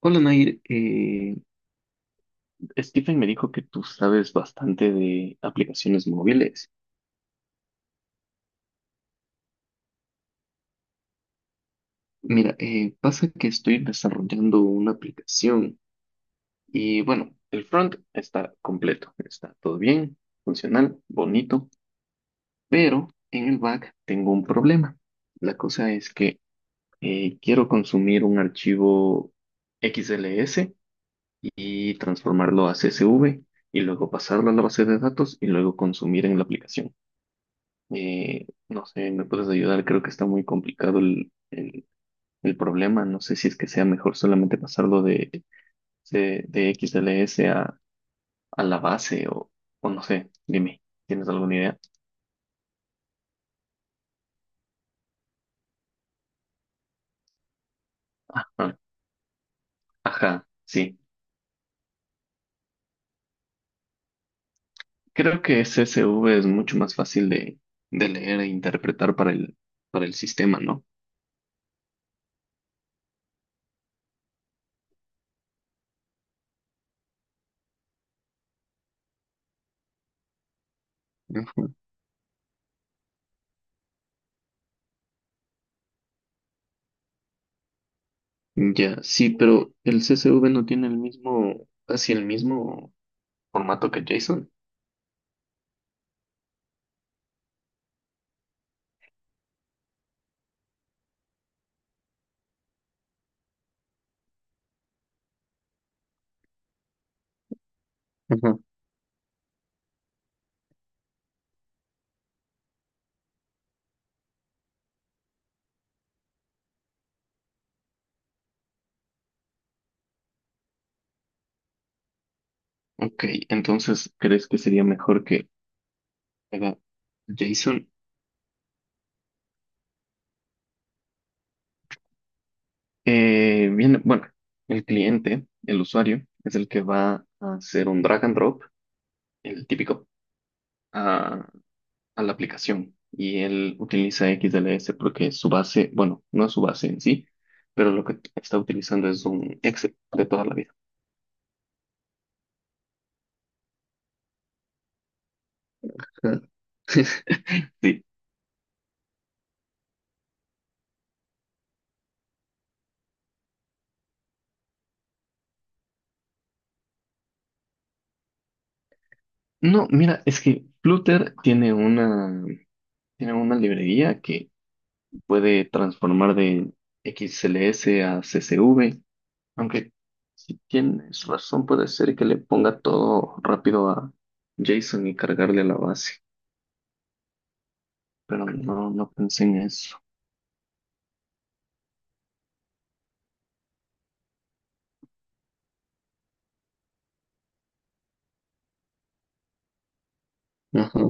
Hola Nair, Stephen me dijo que tú sabes bastante de aplicaciones móviles. Mira, pasa que estoy desarrollando una aplicación y bueno, el front está completo, está todo bien, funcional, bonito, pero en el back tengo un problema. La cosa es que quiero consumir un archivo XLS y transformarlo a CSV y luego pasarlo a la base de datos y luego consumir en la aplicación. No sé, ¿me puedes ayudar? Creo que está muy complicado el problema. No sé si es que sea mejor solamente pasarlo de XLS a la base o no sé. Dime, ¿tienes alguna idea? Ajá, ajá, sí. Creo que CSV es mucho más fácil de leer e interpretar para el sistema, ¿no? Ajá. Ya, sí, pero el CSV no tiene el mismo, casi el mismo formato que JSON. Ok, entonces, ¿crees que sería mejor que haga JSON? Bien, bueno, el cliente, el usuario, es el que va a hacer un drag and drop, el típico, a, a la aplicación. Y él utiliza XLS porque su base, bueno, no es su base en sí, pero lo que está utilizando es un Excel de toda la vida. Ah. Sí. No, mira, es que Flutter tiene una librería que puede transformar de XLS a CSV, aunque si tienes razón puede ser que le ponga todo rápido a JSON y cargarle a la base, pero no, no pensé en eso. Ajá.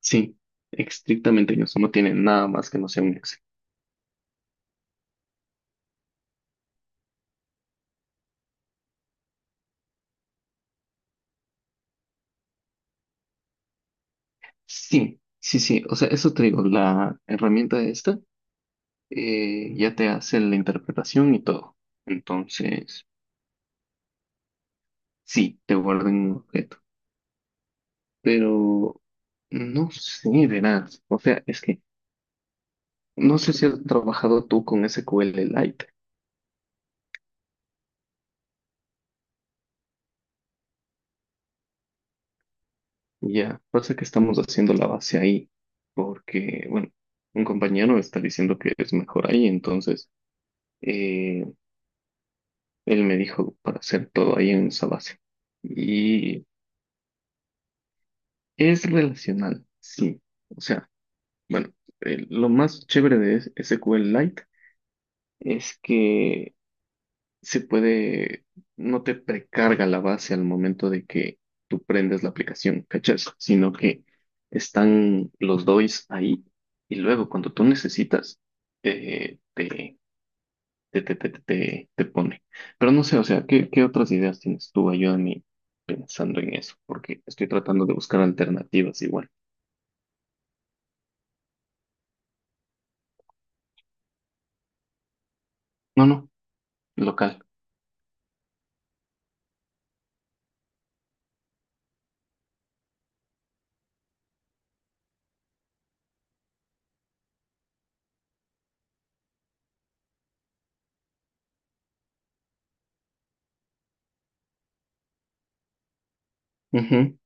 Sí, estrictamente en eso, no tiene nada más que no sea un Excel. Sí, sí, sí, o sea, eso te digo, la herramienta esta ya te hace la interpretación y todo. Entonces, sí, te guarda en un objeto. Pero no sé, verás. O sea, es que no sé si has trabajado tú con SQL Lite. Ya, pasa que estamos haciendo la base ahí, porque, bueno, un compañero está diciendo que es mejor ahí, entonces eh, él me dijo para hacer todo ahí en esa base. Y es relacional, sí. O sea, bueno, lo más chévere de SQL Lite es que se puede, no te precarga la base al momento de que tú prendes la aplicación, ¿cachas? Sino que están los DOIs ahí y luego cuando tú necesitas, eh, te, te pone. Pero no sé, o sea, ¿qué otras ideas tienes tú? Ayúdame pensando en eso, porque estoy tratando de buscar alternativas igual. No, no, local. Ujú.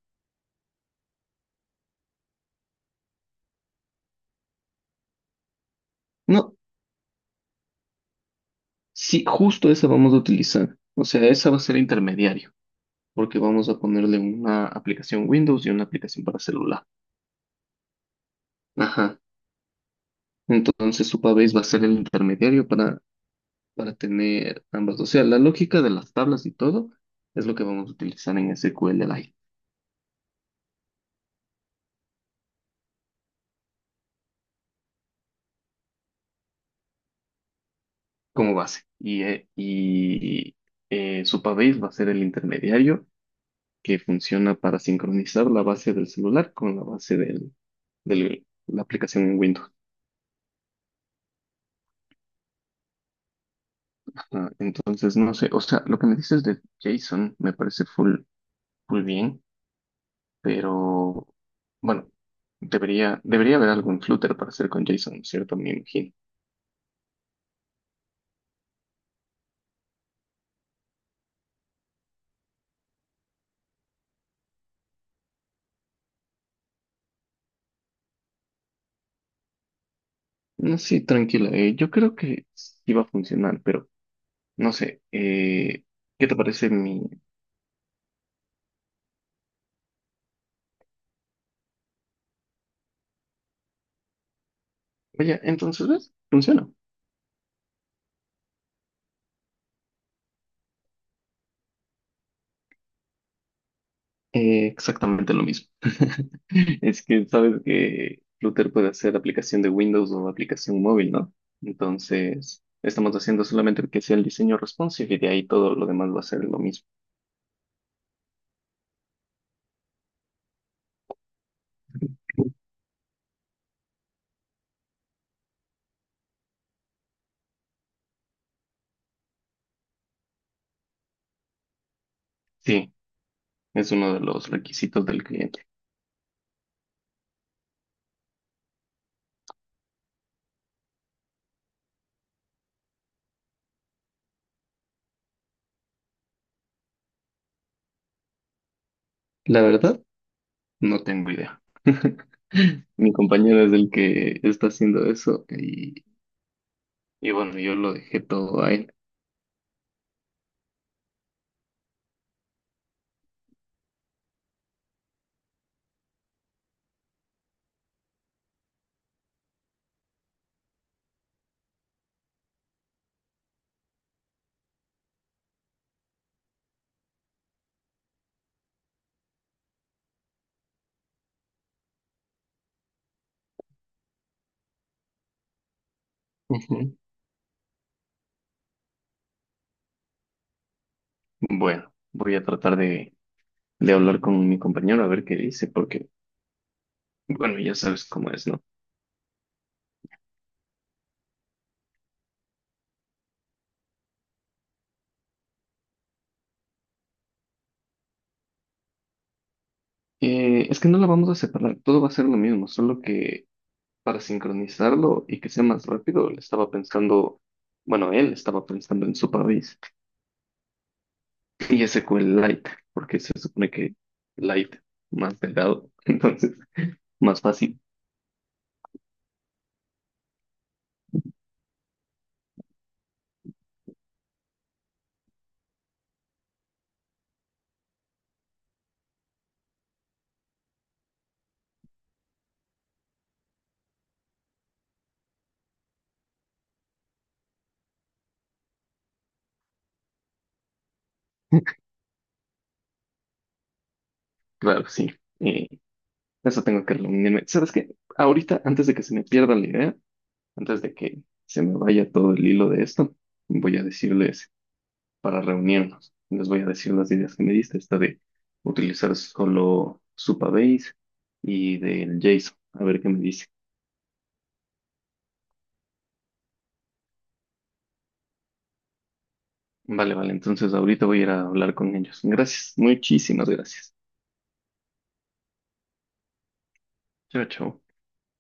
No, sí, justo esa vamos a utilizar. O sea, esa va a ser intermediario. Porque vamos a ponerle una aplicación Windows y una aplicación para celular. Ajá. Entonces Supabase va a ser el intermediario para tener ambas. O sea, la lógica de las tablas y todo es lo que vamos a utilizar en SQL Lite como base. Y Supabase va a ser el intermediario que funciona para sincronizar la base del celular con la base la aplicación en Windows. Ajá. Entonces, no sé, o sea, lo que me dices de JSON me parece full, full bien. Pero bueno, debería haber algún Flutter para hacer con JSON, ¿cierto? Me imagino. No, sí, tranquila, yo creo que sí va a funcionar, pero no sé, ¿qué te parece mi... Oye, entonces, ¿ves? Funciona. Exactamente lo mismo. Es que sabes que Flutter puede hacer aplicación de Windows o aplicación móvil, ¿no? Entonces, estamos haciendo solamente que sea el diseño responsive y de ahí todo lo demás va a ser lo mismo. Sí, es uno de los requisitos del cliente. La verdad, no tengo idea. Mi compañero es el que está haciendo eso y bueno, yo lo dejé todo a él. Ujú. Bueno, voy a tratar de hablar con mi compañero a ver qué dice, porque, bueno, ya sabes cómo es, ¿no? Es que no la vamos a separar, todo va a ser lo mismo, solo que para sincronizarlo y que sea más rápido, le estaba pensando, bueno, él estaba pensando en su país y ese fue el light, porque se supone que light más delgado, entonces. Más fácil, claro, sí. Eh, Eso tengo que reunirme. ¿Sabes qué? Ahorita, antes de que se me pierda la idea, antes de que se me vaya todo el hilo de esto, voy a decirles para reunirnos. Les voy a decir las ideas que me diste, esta de utilizar solo Supabase y del JSON. A ver qué me dice. Vale, vale. Entonces ahorita voy a ir a hablar con ellos. Gracias. Muchísimas gracias. Chao, chao.